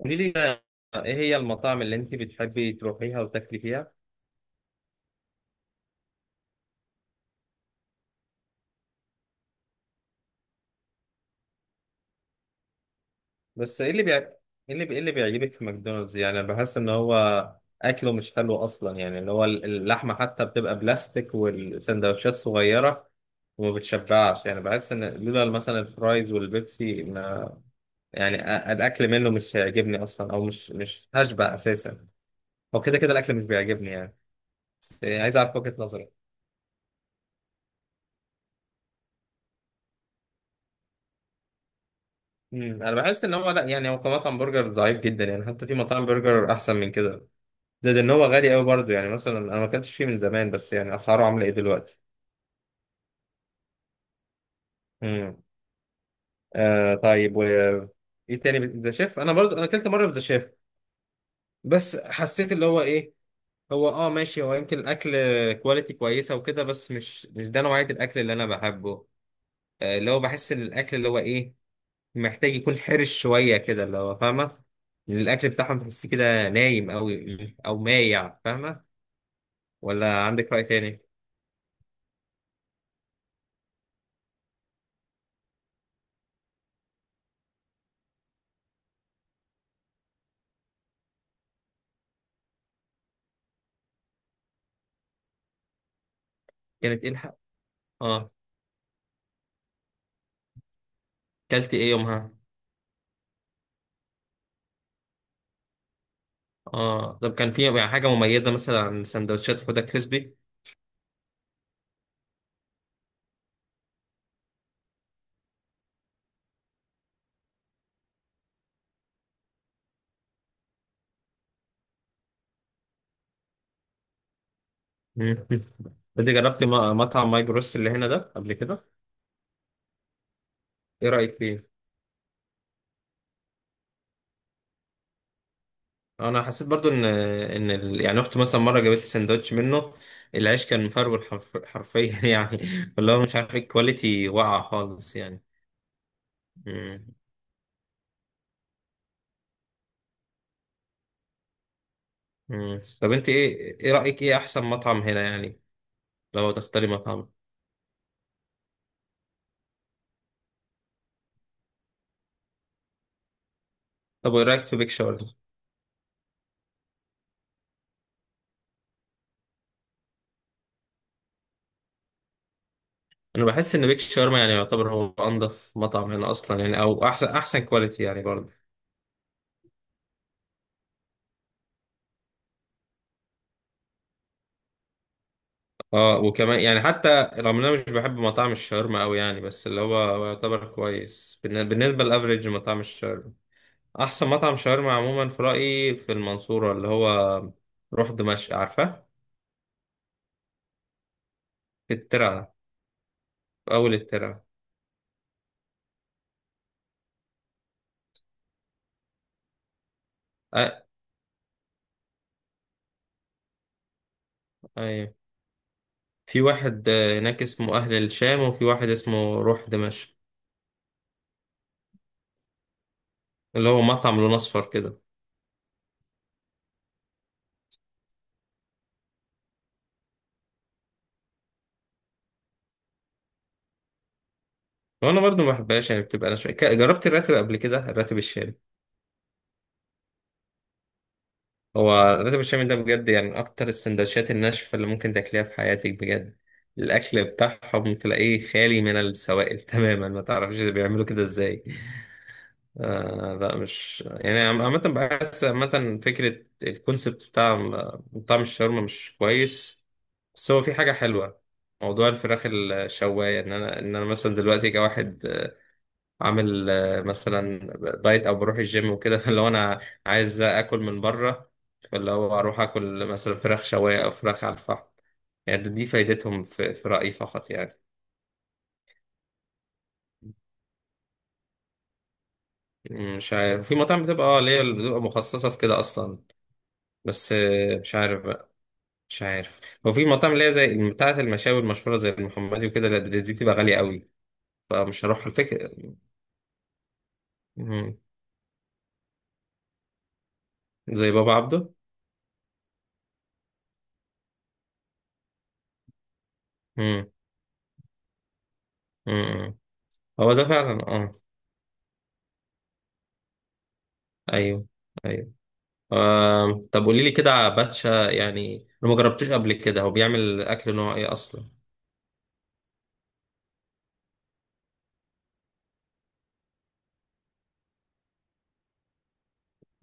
قولي لي بقى، ايه هي المطاعم اللي انت بتحبي تروحيها وتاكلي فيها؟ بس ايه اللي بيع... ايه اللي بي... إيه اللي بيعجبك في ماكدونالدز؟ يعني أنا بحس ان هو اكله مش حلو اصلا، يعني اللي هو اللحمه حتى بتبقى بلاستيك والسندوتشات صغيره وما بتشبعش. يعني بحس ان لولا مثلا الفرايز والبيبسي ما يعني الاكل منه مش هيعجبني اصلا، او مش هشبع اساسا. هو كده كده الاكل مش بيعجبني يعني. بس إيه، عايز اعرف وجهة نظرك. مم. انا بحس ان هو لا، يعني هو كمطعم برجر ضعيف جدا يعني، حتى في مطاعم برجر احسن من كده. زائد ان هو غالي قوي برضه، يعني مثلا انا ما اكلتش فيه من زمان بس يعني اسعاره عامله ايه دلوقتي؟ امم طيب، و ايه تاني؟ ذا شيف، انا برضه اكلت مره ذا شيف. بس حسيت اللي هو ايه، هو ماشي، هو يمكن الاكل كواليتي كويسه وكده بس مش ده نوعيه الاكل اللي انا بحبه. اللي هو بحس ان الاكل اللي هو ايه، محتاج يكون حرش شوية كده، اللي هو فاهمة. لأن الأكل بتاعهم تحس كده نايم، أو مايع فاهمة. ولا عندك رأي تاني؟ كانت إيه الحق؟ آه. كلت إيه يومها؟ طب كان في يعني حاجة مميزة مثلا عن سندوتشات حوده كريسبي؟ مم. انت جربت مطعم ماي جروس اللي هنا ده قبل كده؟ ايه رأيك فيه؟ انا حسيت برضو ان يعني اختي مثلا مره جابت لي سندوتش منه. العيش كان مفرول حرفيا يعني، اللي هو مش عارف الكواليتي واقعه خالص يعني. مم. مم. طب انت ايه رأيك ايه احسن مطعم هنا يعني لو تختاري مطعم؟ طب وايه رأيك في بيك شاورما؟ انا بحس ان بيك شاورما يعني يعتبر هو انضف مطعم هنا اصلا يعني، او احسن، احسن كواليتي يعني برضه. اه وكمان يعني، حتى رغم ان انا مش بحب مطاعم الشاورما قوي يعني، بس اللي هو يعتبر كويس بالنسبة لافريج مطاعم الشاورما. احسن مطعم شاورما عموما في رأيي في المنصورة اللي هو روح دمشق، عارفة؟ في الترعة. في اول الترعة. أه. في واحد هناك اسمه أهل الشام، وفي واحد اسمه روح دمشق. اللي هو مطعم لون أصفر كده. وأنا برضو ما بحبهاش يعني، بتبقى أنا شوية جربت الراتب قبل كده، الراتب الشامي. هو الراتب الشامي ده بجد يعني من أكتر السندوتشات الناشفة اللي ممكن تاكليها في حياتك بجد. الأكل بتاعهم تلاقيه خالي من السوائل تماما، ما تعرفش بيعملوا كده إزاي. لا، مش يعني عامة بحس، عامة فكرة الكونسبت بتاع طعم الشاورما مش كويس. بس هو في حاجة حلوة، موضوع الفراخ الشواية، ان انا مثلا دلوقتي كواحد عامل مثلا دايت، او بروح الجيم وكده فلو انا عايز اكل من بره، فلو اروح اكل مثلا فراخ شواية او فراخ على الفحم، يعني دي فايدتهم في في رأيي فقط يعني. مش عارف، في مطاعم بتبقى اللي هي اللي بتبقى مخصصة في كده اصلا بس مش عارف. مش عارف. هو في مطاعم اللي هي زي بتاعة المشاوي المشهورة زي المحمدي وكده، لا، دي بتبقى غالية قوي فمش هروح الفكرة. مم. زي بابا عبده. مم. مم. هو ده فعلا، اه. ايوه. ايوه. آه. طب قولي لي كده على باتشا يعني، انا ما جربتوش قبل كده، هو بيعمل اكل نوع ايه اصلا؟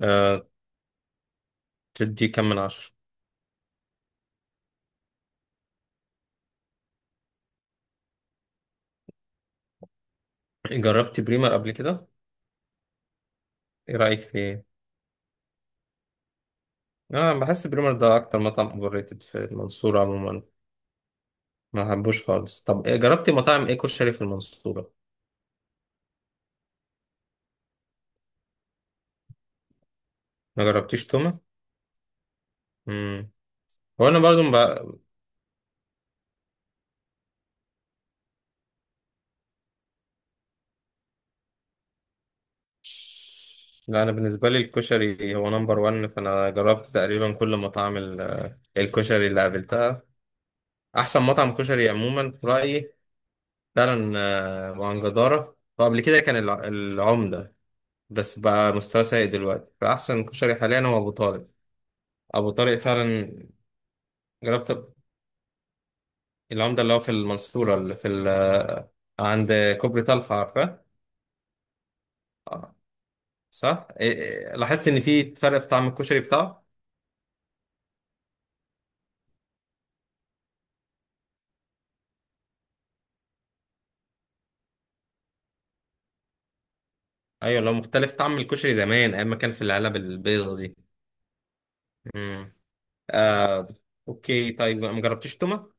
آه. تدي كام من عشرة؟ جربت بريمر قبل كده؟ ايه رأيك فيه؟ اه، بحس بريمر ده اكتر مطعم اوفر ريتد في المنصورة عموما. ما بحبوش خالص. طب جربت مطاعم ايه كشري في المنصورة؟ ما جربتيش تومة؟ امم. هو انا برضو بقى... لا انا بالنسبه لي الكشري هو نمبر 1، فانا جربت تقريبا كل مطاعم الكشري اللي قابلتها. احسن مطعم كشري عموما في رايي فعلا وعن جداره، وقبل كده كان العمده، بس بقى مستوى سيء دلوقتي فاحسن كشري حاليا هو ابو طارق. ابو طارق فعلا. جربت العمده اللي هو في المنصوره، اللي في ال... آه، عند كوبري طلخه، عارفه؟ آه. صح. إيه، لاحظت ان في فرق في طعم الكشري بتاعه؟ ايوه لو مختلف، طعم الكشري زمان ايام ما كان في العلب البيضه دي. امم. آه. اوكي طيب، ما جربتش توما؟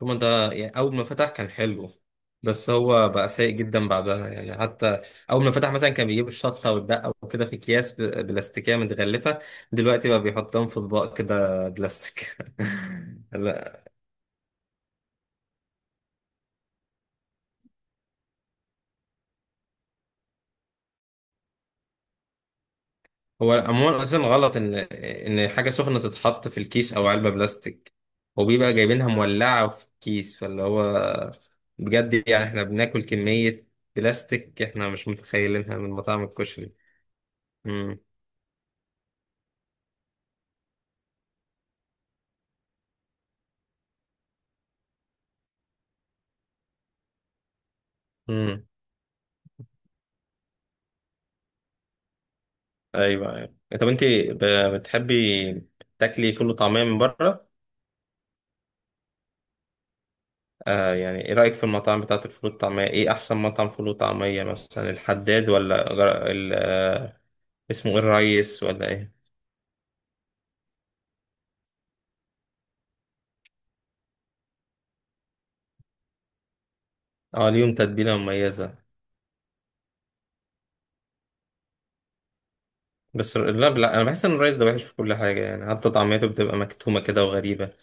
توما ده يعني اول ما فتح كان حلو، بس هو بقى سيء جدا بعدها يعني. حتى اول ما فتح مثلا كان بيجيب الشطه والدقه وكده في اكياس بلاستيكيه متغلفه، دلوقتي بقى بيحطهم في اطباق كده بلاستيك. لا، هو عموما اصلا غلط ان حاجه سخنه تتحط في الكيس او علبه بلاستيك، وبيبقى جايبينها مولعه في كيس، فاللي هو بجد يعني احنا بناكل كميه بلاستيك احنا مش متخيلينها من مطاعم الكشري. امم. امم. ايوه، ايوه. طب انت بتحبي تاكلي فول وطعميه من بره؟ يعني ايه رايك في المطاعم بتاعه الفول والطعميه؟ ايه احسن مطعم فول وطعميه، مثلا الحداد ولا غر... ال... آه، اسمه ايه، الريس، ولا ايه؟ اه، ليهم تتبيله مميزه. بس لا، لا، انا بحس ان الرايس ده وحش في كل حاجه، يعني حتى طعميته بتبقى مكتومه كده وغريبه.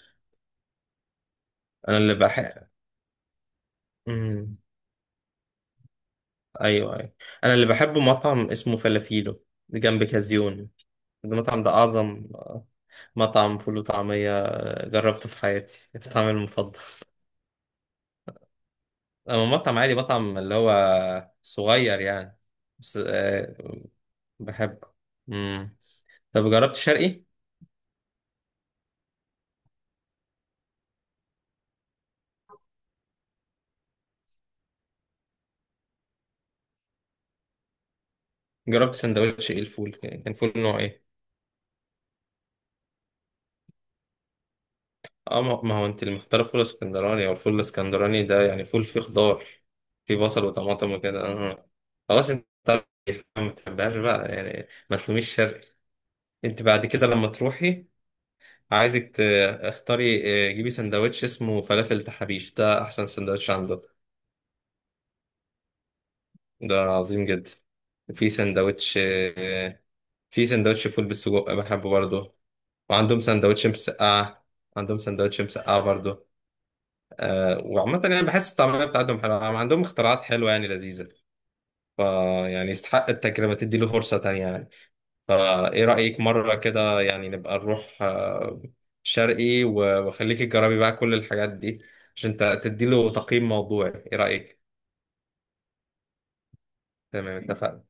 انا اللي بحب، امم، ايوه، ايوه، انا اللي بحبه مطعم اسمه فلافيلو جنب كازيون. المطعم ده اعظم مطعم فول وطعميه جربته في حياتي، طعمي المفضل. اما مطعم عادي، مطعم اللي هو صغير يعني، بس بحبه. امم. طب جربت شرقي؟ جربت سندوتش ايه؟ الفول كان فول نوع ايه؟ اه، ما هو انت اللي مختاره فول اسكندراني، او الفول الاسكندراني ده يعني فول فيه خضار، فيه بصل وطماطم وكده، اه اه. خلاص انت عارف، ما بتحبهاش بقى يعني، ما تلوميش شرقي. انت بعد كده لما تروحي، عايزك تختاري اه، جيبي سندوتش اسمه فلافل تحابيش، ده احسن سندوتش عنده، ده عظيم جدا. في سندوتش اه، في سندوتش فول بالسجق بحبه برضه، وعندهم سندوتش مسقعة، عندهم سندوتش مسقعة برضه. وعامة يعني بحس الطعمية بتاعتهم حلوة، عندهم اختراعات حلوة يعني لذيذة، فا يعني يستحق التجربة، تدي له فرصة تانية يعني. فا ايه رأيك مرة كده يعني نبقى نروح شرقي، وخليكي تجربي بقى كل الحاجات دي، عشان تدي له تقييم موضوعي، ايه رأيك؟ تمام، اتفقنا.